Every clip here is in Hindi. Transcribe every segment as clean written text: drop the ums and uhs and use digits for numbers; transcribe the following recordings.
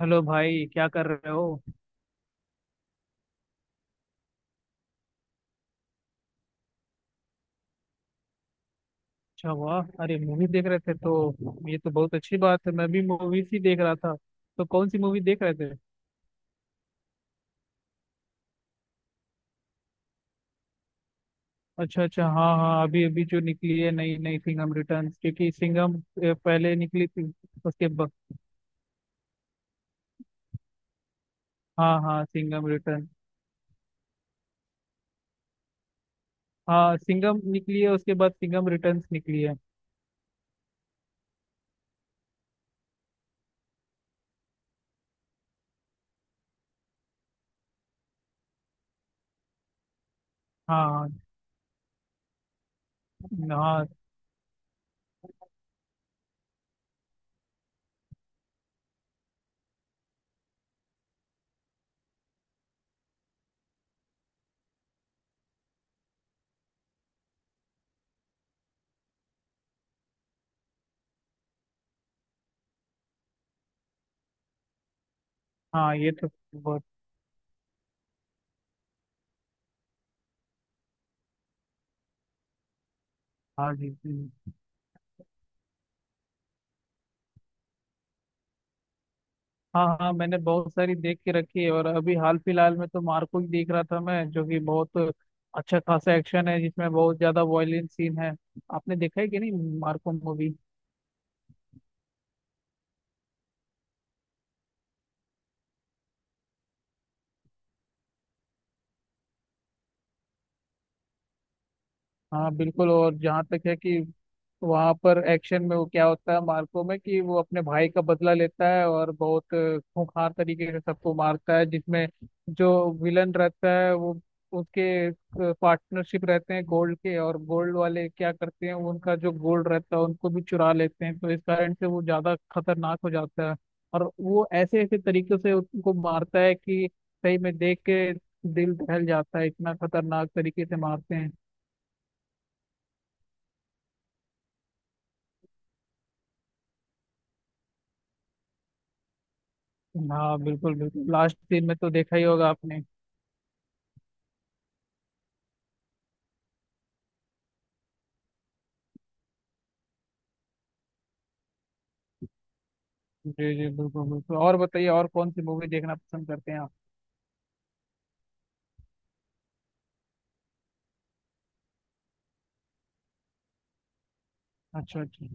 हेलो भाई, क्या कर रहे हो? अच्छा, वाह, अरे मूवी देख रहे थे तो ये तो बहुत अच्छी बात है। मैं भी मूवीज ही देख रहा था। तो कौन सी मूवी देख रहे थे? अच्छा अच्छा, हाँ हाँ, अभी अभी जो निकली है नई नई सिंघम रिटर्न, क्योंकि सिंघम पहले निकली थी। उसके बाद हाँ हाँ सिंघम रिटर्न। हाँ, सिंघम निकली है, उसके बाद सिंघम रिटर्न्स निकली है। हाँ हाँ। हाँ हाँ, ये तो बहुत। हाँ, जी जी। हाँ हाँ, मैंने बहुत सारी देख के रखी है, और अभी हाल फिलहाल में तो मार्को ही देख रहा था मैं, जो कि बहुत अच्छा खासा एक्शन है जिसमें बहुत ज्यादा वायलेंस सीन है। आपने देखा है कि नहीं, मार्को मूवी? हाँ बिल्कुल। और जहाँ तक है कि वहां पर एक्शन में वो क्या होता है मार्को में कि वो अपने भाई का बदला लेता है, और बहुत खूंखार तरीके से सबको मारता है, जिसमें जो विलन रहता है वो, उसके पार्टनरशिप रहते हैं गोल्ड के, और गोल्ड वाले क्या करते हैं, वो उनका जो गोल्ड रहता है उनको भी चुरा लेते हैं, तो इस कारण से वो ज्यादा खतरनाक हो जाता है। और वो ऐसे ऐसे तरीके से उनको मारता है कि सही में देख के दिल दहल जाता है, इतना खतरनाक तरीके से मारते हैं। हाँ बिल्कुल बिल्कुल, लास्ट दिन में तो देखा ही होगा आपने। जी जी, बिल्कुल बिल्कुल। और बताइए, और कौन सी मूवी देखना पसंद करते हैं आप? अच्छा अच्छा।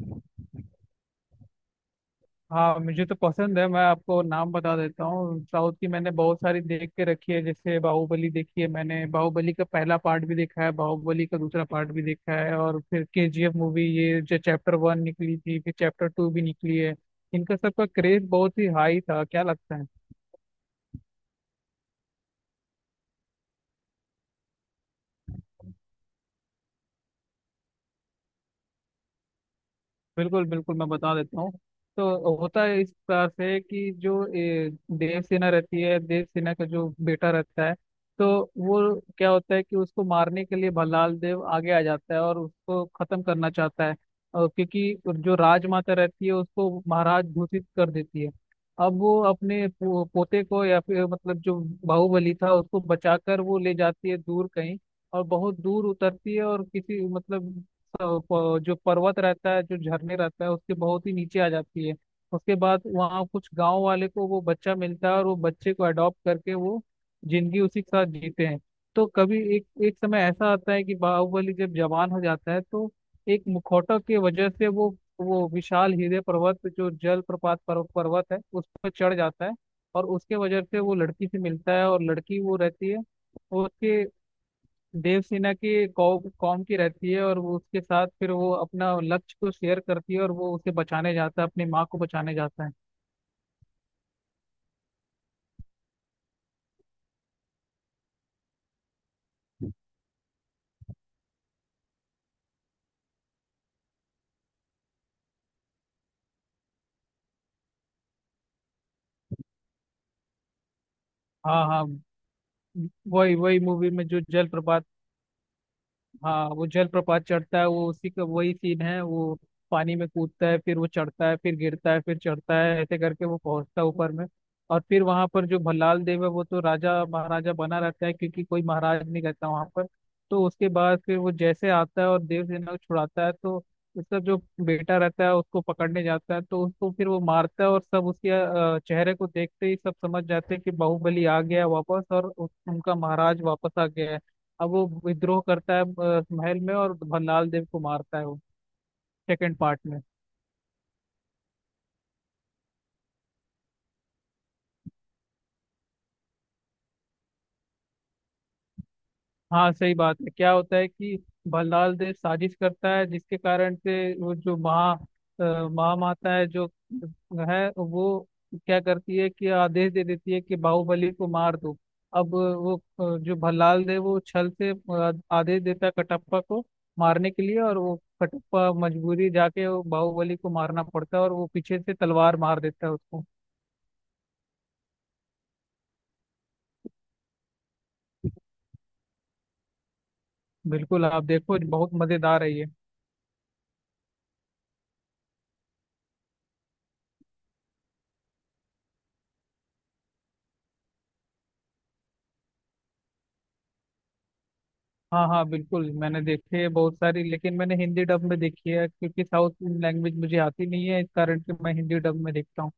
हाँ, मुझे तो पसंद है, मैं आपको नाम बता देता हूँ। साउथ की मैंने बहुत सारी देख के रखी है, जैसे बाहुबली देखी है मैंने, बाहुबली का पहला पार्ट भी देखा है, बाहुबली का दूसरा पार्ट भी देखा है, और फिर केजीएफ मूवी, ये जो चैप्टर वन निकली थी फिर चैप्टर टू भी निकली है। इनका सबका क्रेज बहुत ही हाई था, क्या लगता है? बिल्कुल बिल्कुल, मैं बता देता हूँ। तो होता है इस प्रकार से कि जो देवसेना रहती है, देवसेना का जो बेटा रहता है, तो वो क्या होता है कि उसको मारने के लिए भल्लाल देव आगे आ जाता है और उसको खत्म करना चाहता है। और क्योंकि जो राजमाता रहती है उसको महाराज घोषित कर देती है। अब वो अपने पोते को या फिर मतलब जो बाहुबली था उसको बचाकर वो ले जाती है दूर कहीं। और बहुत दूर उतरती है, और किसी मतलब अ, जो पर्वत रहता है, जो झरने रहता है, उसके बहुत ही नीचे आ जाती है। उसके बाद वहाँ कुछ गांव वाले को वो बच्चा मिलता है, और वो बच्चे को अडॉप्ट करके वो जिंदगी उसी के साथ जीते हैं। तो कभी एक एक समय ऐसा आता है कि बाहुबली जब जवान हो जाता है, तो एक मुखौटा की वजह से वो विशाल हीरे पर्वत जो जल प्रपात पर्वत है उस पर चढ़ जाता है। और उसके वजह से वो लड़की से मिलता है, और लड़की वो रहती है, वो उसके देवसेना की कॉम कॉम की रहती है, और वो उसके साथ फिर वो अपना लक्ष्य को शेयर करती है, और वो उसे बचाने जाता है, अपनी माँ को बचाने जाता है। हाँ हाँ। वही वही मूवी में जो जलप्रपात। हाँ, वो जलप्रपात चढ़ता है वो, उसी का वही सीन है वो। पानी में कूदता है, फिर वो चढ़ता है, फिर गिरता है, फिर चढ़ता है, ऐसे करके वो पहुंचता है ऊपर में। और फिर वहां पर जो भल्लाल देव है वो तो राजा महाराजा बना रहता है, क्योंकि कोई महाराज नहीं रहता वहां पर। तो उसके बाद फिर वो जैसे आता है और देवसेना को छुड़ाता है, तो उसका जो बेटा रहता है उसको पकड़ने जाता है, तो उसको फिर वो मारता है, और सब उसके चेहरे को देखते ही सब समझ जाते हैं कि बाहुबली आ गया वापस, और उनका महाराज वापस आ गया है। अब वो विद्रोह करता है महल में, और भल्लाल देव को मारता है वो सेकंड पार्ट में। हाँ, सही बात है। क्या होता है कि भल्लाल देव साजिश करता है, जिसके कारण से वो जो महामाता है जो है, वो क्या करती है कि आदेश दे देती है कि बाहुबली को मार दो। अब वो जो भल्लाल देव वो छल से आदेश देता है कटप्पा को मारने के लिए, और वो कटप्पा मजबूरी जाके वो बाहुबली को मारना पड़ता है, और वो पीछे से तलवार मार देता है उसको। बिल्कुल, आप देखो, बहुत मजेदार है ये। हाँ हाँ बिल्कुल, मैंने देखी है बहुत सारी, लेकिन मैंने हिंदी डब में देखी है, क्योंकि साउथ लैंग्वेज मुझे आती नहीं है, इस कारण से मैं हिंदी डब में देखता हूँ।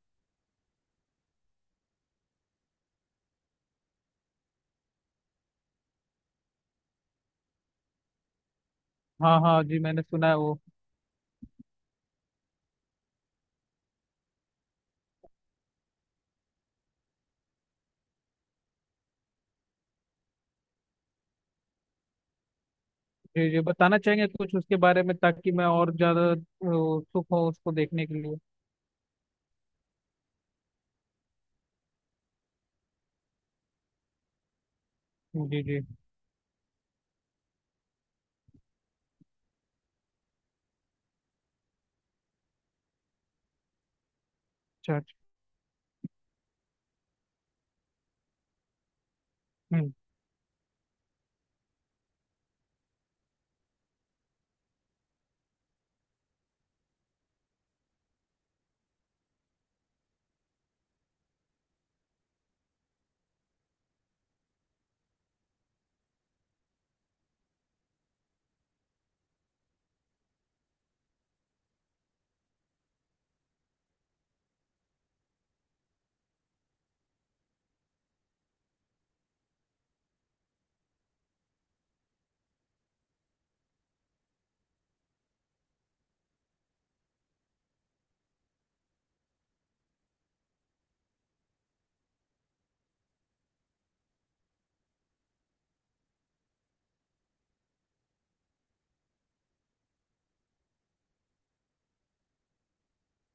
हाँ हाँ जी, मैंने सुना है वो। जी जी, बताना चाहेंगे कुछ उसके बारे में, ताकि मैं और ज्यादा उत्सुक हूँ उसको देखने के लिए। जी जी। अच्छा अच्छा। हम्म।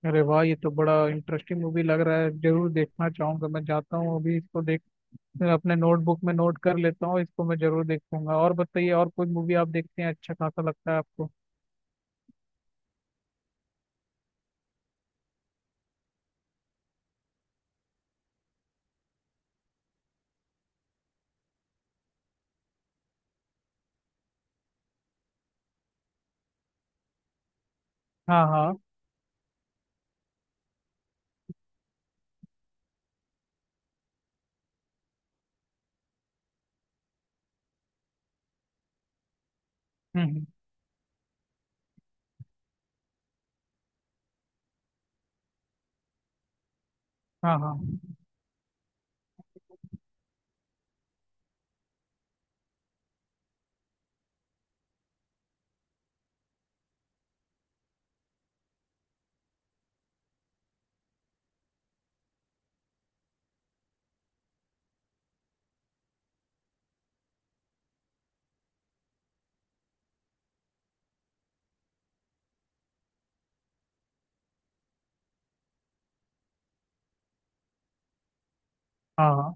अरे वाह, ये तो बड़ा इंटरेस्टिंग मूवी लग रहा है, जरूर देखना चाहूंगा। मैं जाता हूँ अभी इसको देख, अपने नोटबुक में नोट कर लेता हूँ इसको, मैं जरूर देखूंगा। और बताइए, और कोई मूवी आप देखते हैं अच्छा खासा लगता है आपको? हाँ हाँ। हम्म। हाँ हाँ। हाँ हाँ।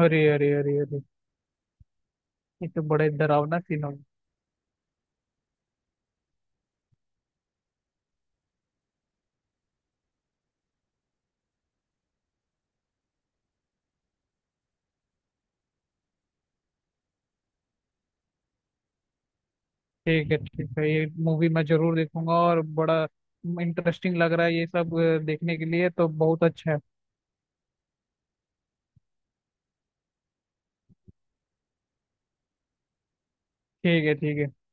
अरे अरे अरे अरे। ये तो बड़ा ही डरावना सीन हो गया। ठीक है ठीक है, ये मूवी मैं जरूर देखूंगा, और बड़ा इंटरेस्टिंग लग रहा है ये सब, देखने के लिए तो बहुत अच्छा है। ठीक है ठीक है।